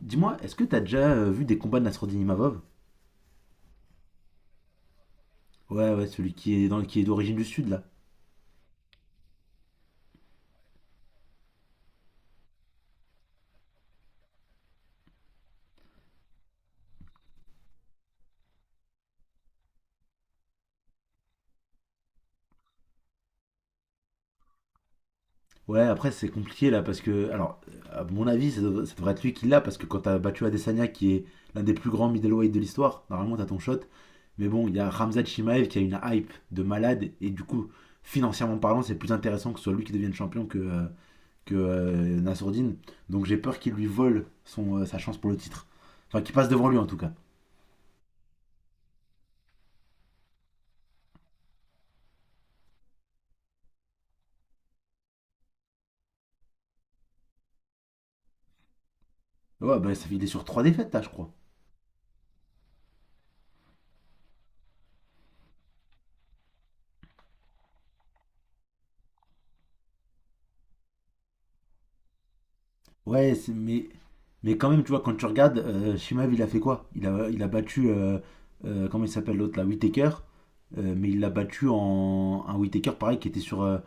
Dis-moi, est-ce que t'as déjà vu des combats de Nasruddin Imavov? Ouais, ouais, celui qui est qui est d'origine du Sud, là. Ouais, après, c'est compliqué, là, parce que... Alors, à mon avis, ça devrait être lui qui l'a, parce que quand t'as battu Adesanya, qui est l'un des plus grands middleweight de l'histoire, normalement, t'as ton shot. Mais bon, il y a Ramzat Chimaev qui a une hype de malade, et du coup, financièrement parlant, c'est plus intéressant que ce soit lui qui devienne champion que Nasruddin. Donc j'ai peur qu'il lui vole sa chance pour le titre. Enfin, qu'il passe devant lui, en tout cas. Ouais, bah, ça, il est sur trois défaites, là, je crois. Ouais. Mais quand même, tu vois, quand tu regardes, Shimaev, il a fait quoi? Il a battu, comment il s'appelle l'autre là, Whittaker, mais il l'a battu en un Whittaker pareil qui était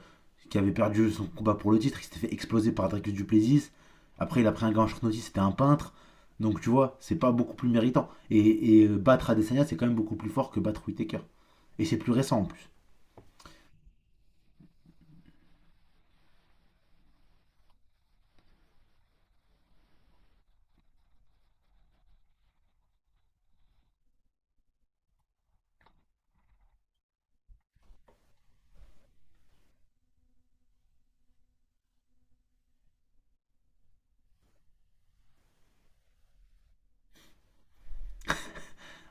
qui avait perdu son combat pour le titre, il s'était fait exploser par Dricus Duplessis. Après, il a pris un gars en short notice, c'était un peintre. Donc tu vois, c'est pas beaucoup plus méritant. Et battre Adesanya, c'est quand même beaucoup plus fort que battre Whittaker. Et c'est plus récent en plus.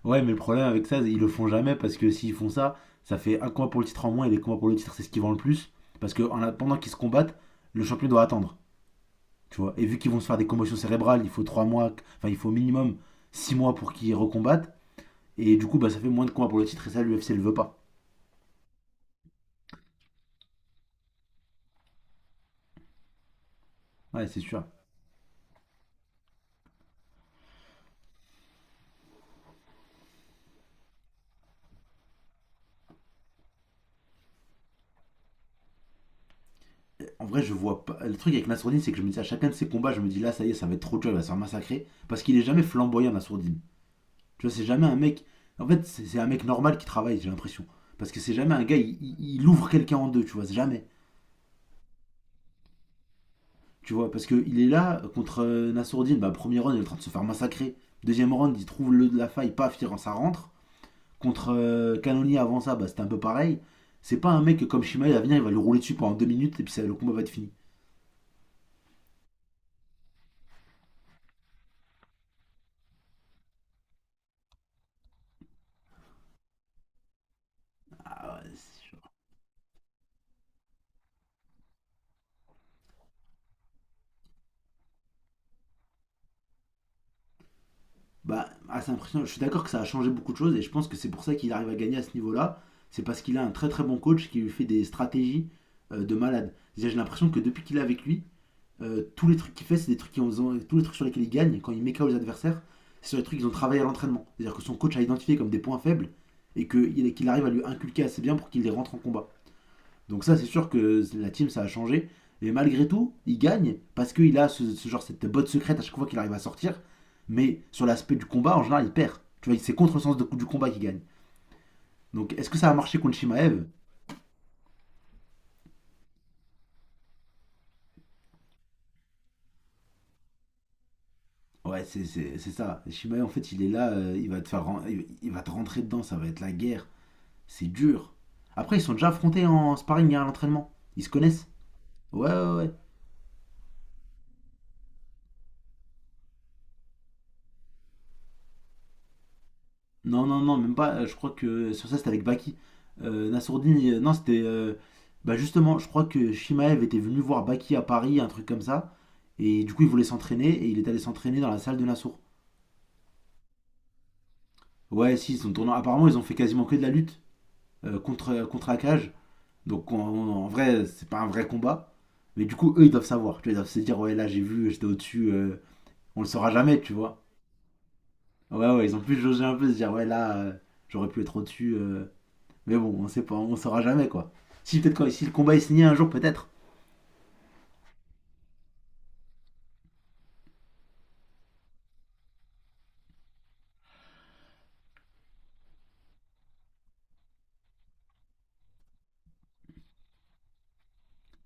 Ouais, mais le problème avec ça, ils le font jamais parce que s'ils font ça, ça fait un combat pour le titre en moins et les combats pour le titre, c'est ce qui vend le plus. Parce que en attendant qu'ils se combattent, le champion doit attendre. Tu vois. Et vu qu'ils vont se faire des commotions cérébrales, il faut 3 mois, enfin il faut au minimum 6 mois pour qu'ils recombattent. Et du coup, bah, ça fait moins de combats pour le titre et ça, l'UFC le veut pas. Ouais, c'est sûr. En vrai, je vois pas. Le truc avec Nassourdine, c'est que je me dis à chacun de ses combats, je me dis là, ça y est, ça va être trop dur, il va se faire massacrer. Parce qu'il est jamais flamboyant, Nassourdine. Tu vois, c'est jamais un mec. En fait, c'est un mec normal qui travaille, j'ai l'impression. Parce que c'est jamais un gars, il ouvre quelqu'un en deux, tu vois, c'est jamais. Tu vois, parce qu'il est là contre Nassourdine, bah, premier round, il est en train de se faire massacrer. Deuxième round, il trouve le de la faille, paf, ça rentre. Contre Cannonier avant ça, bah, c'était un peu pareil. C'est pas un mec comme Shimaev, il va venir, il va le rouler dessus pendant 2 minutes et puis ça, le combat va être fini. Ah, ouais, bah, assez impressionnant. Je suis d'accord que ça a changé beaucoup de choses et je pense que c'est pour ça qu'il arrive à gagner à ce niveau-là. C'est parce qu'il a un très très bon coach qui lui fait des stratégies de malade. C'est-à-dire, j'ai l'impression que depuis qu'il est avec lui, tous les trucs qu'il fait, c'est des tous les trucs sur lesquels il gagne quand il met KO les adversaires, c'est sur les trucs qu'ils ont travaillé à l'entraînement. C'est-à-dire que son coach a identifié comme des points faibles et que- qu'il arrive à lui inculquer assez bien pour qu'il les rentre en combat. Donc ça, c'est sûr que la team, ça a changé. Et malgré tout, il gagne parce qu'il a ce genre, cette botte secrète à chaque fois qu'il arrive à sortir. Mais sur l'aspect du combat, en général, il perd. Tu vois, c'est contre le sens du combat qu'il gagne. Donc est-ce que ça a marché contre Shimaev? Ouais, c'est ça. Shimaev, en fait, il est là, il va te faire, il va te rentrer dedans, ça va être la guerre. C'est dur. Après, ils sont déjà affrontés en sparring et à l'entraînement. Ils se connaissent. Ouais, ouais, ouais. Non, non, non, même pas. Je crois que sur ça, c'était avec Baki. Nassourdine, non, c'était. Bah justement, je crois que Shimaev était venu voir Baki à Paris, un truc comme ça. Et du coup, il voulait s'entraîner et il est allé s'entraîner dans la salle de Nassour. Ouais, si, ils sont tournants. Apparemment, ils ont fait quasiment que de la lutte contre Akage. Donc, en vrai, c'est pas un vrai combat. Mais du coup, eux, ils doivent savoir. Tu vois, ils doivent se dire, ouais, là, j'ai vu, j'étais au-dessus. On le saura jamais, tu vois. Ouais, ouais, ils ont pu jauger un peu, se dire, ouais, là, j'aurais pu être au-dessus. Mais bon, on sait pas, on saura jamais quoi. Si peut-être si le combat est signé un jour, peut-être.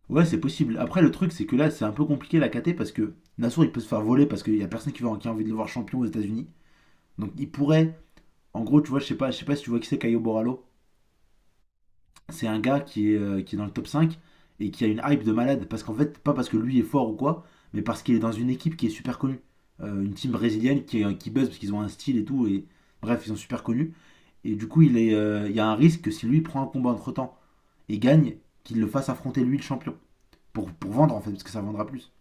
Ouais, c'est possible. Après, le truc, c'est que là, c'est un peu compliqué la KT parce que Nassour, il peut se faire voler parce qu'il y a personne qui a envie de le voir champion aux États-Unis. Donc, il pourrait. En gros, tu vois, je sais pas si tu vois qui c'est Caio Borralho. C'est un gars qui est dans le top 5 et qui a une hype de malade. Parce qu'en fait, pas parce que lui est fort ou quoi, mais parce qu'il est dans une équipe qui est super connue. Une team brésilienne qui buzz parce qu'ils ont un style et tout. Et bref, ils sont super connus. Et du coup, il y a un risque que si lui prend un combat entre temps et gagne, qu'il le fasse affronter lui le champion. Pour vendre en fait, parce que ça vendra plus.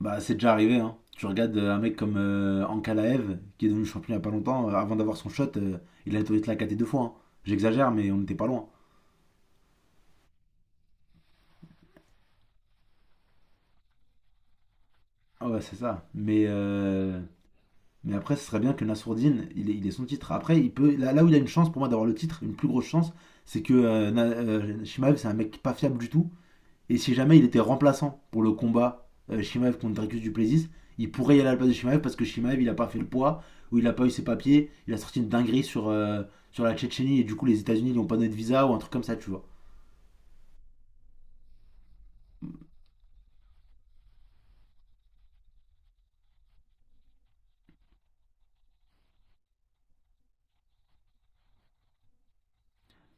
Bah c'est déjà arrivé, hein. Tu regardes un mec comme Ankalaev, qui est devenu champion il y a pas longtemps, avant d'avoir son shot, il a été la KT 2 fois, hein. J'exagère, mais on n'était pas loin. Ah ouais, c'est ça. Mais après, ce serait bien que Nassourdine, il ait son titre. Après, là, là où il a une chance pour moi d'avoir le titre, une plus grosse chance, c'est que Shimaev, c'est un mec pas fiable du tout. Et si jamais il était remplaçant pour le combat Shimaev contre Dracus du Plessis, il pourrait y aller à la place de Shimaev parce que Shimaev il a pas fait le poids ou il a pas eu ses papiers, il a sorti une dinguerie sur la Tchétchénie et du coup les États-Unis ils ont pas donné de visa ou un truc comme ça, tu vois.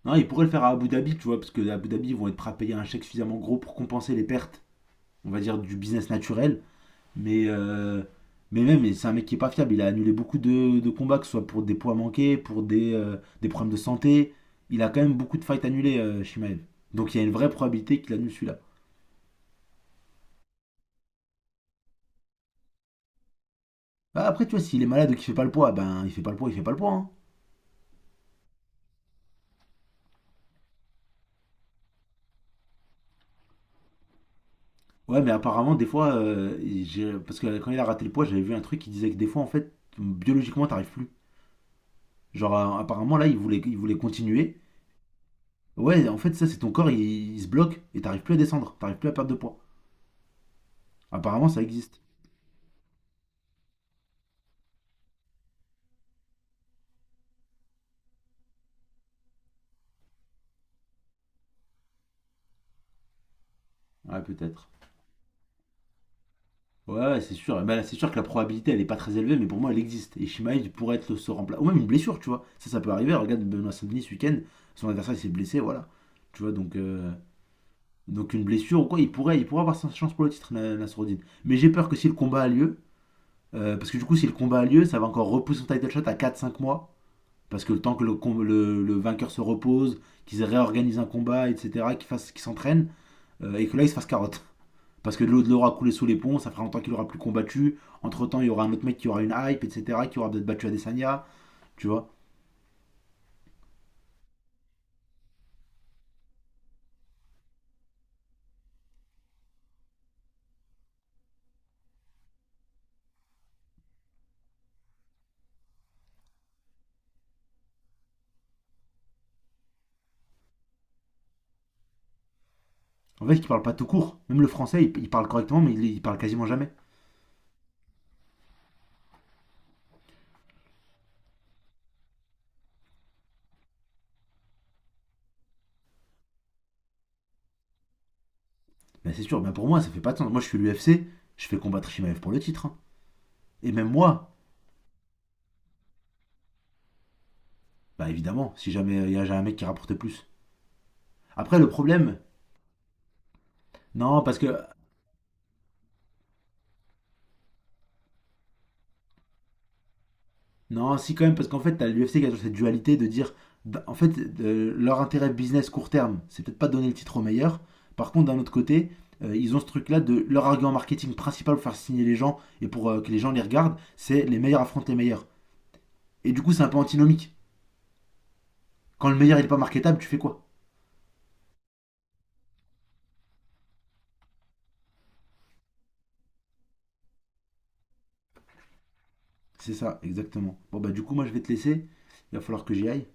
Non, il pourrait le faire à Abu Dhabi, tu vois, parce que à Abu Dhabi ils vont être prêts à payer un chèque suffisamment gros pour compenser les pertes, on va dire, du business naturel. Mais, euh, mais même, c'est un mec qui est pas fiable. Il a annulé beaucoup de combats, que ce soit pour des poids manqués, pour des problèmes de santé. Il a quand même beaucoup de fights annulés, Shimaev. Donc il y a une vraie probabilité qu'il annule celui-là. Bah, après, tu vois, s'il est malade ou qu'il fait pas le poids, ben il fait pas le poids, il fait pas le poids, hein. Ouais, mais apparemment, des fois, parce que quand il a raté le poids, j'avais vu un truc qui disait que des fois, en fait, biologiquement, t'arrives plus. Genre, apparemment, là, il voulait continuer. Ouais, en fait, ça, c'est ton corps, il se bloque et t'arrives plus à descendre, t'arrives plus à perdre de poids. Apparemment, ça existe. Ouais, peut-être. Ouais, ouais, c'est sûr. Eh ben, c'est sûr que la probabilité, elle est pas très élevée, mais pour moi, elle existe. Et Shimaev pourrait être ce remplaçant. Ou même une blessure, tu vois. Ça peut arriver. Regarde Benoît Saint-Denis ce week-end, son adversaire, il s'est blessé, voilà. Tu vois, donc une blessure ou quoi, il pourrait avoir sa chance pour le titre, Nasruddin. Mais j'ai peur que si le combat a lieu, parce que du coup, si le combat a lieu, ça va encore repousser son title shot à 4 5 mois. Parce que le temps que le vainqueur se repose, qu'ils réorganisent un combat, etc., qu'ils s'entraînent, et que là, ils se fassent carotte. Parce que de l'eau de l'aura coulé sous les ponts, ça fera longtemps qu'il aura plus combattu. Entre temps, il y aura un autre mec qui aura une hype, etc., qui aura peut-être battu Adesanya, tu vois. En fait, il parle pas tout court. Même le français, il parle correctement, mais il parle quasiment jamais. Ben, c'est sûr, ben, pour moi, ça fait pas de sens. Moi, je suis l'UFC, je fais combattre Shimaev pour le titre, hein. Et même moi, bah ben, évidemment, si jamais il y a un mec qui rapporte plus. Après, le problème, non, parce que non, si quand même, parce qu'en fait, t'as l'UFC qui a toujours cette dualité de dire, d- en fait, leur intérêt business court terme, c'est peut-être pas donner le titre au meilleur. Par contre, d'un autre côté, ils ont ce truc-là de leur argument marketing principal pour faire signer les gens et pour que les gens les regardent, c'est les meilleurs affrontent les meilleurs. Et du coup, c'est un peu antinomique. Quand le meilleur il est pas marketable, tu fais quoi? C'est ça, exactement. Bon bah du coup, moi je vais te laisser. Il va falloir que j'y aille.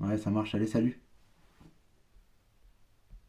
Ouais, ça marche. Allez, salut.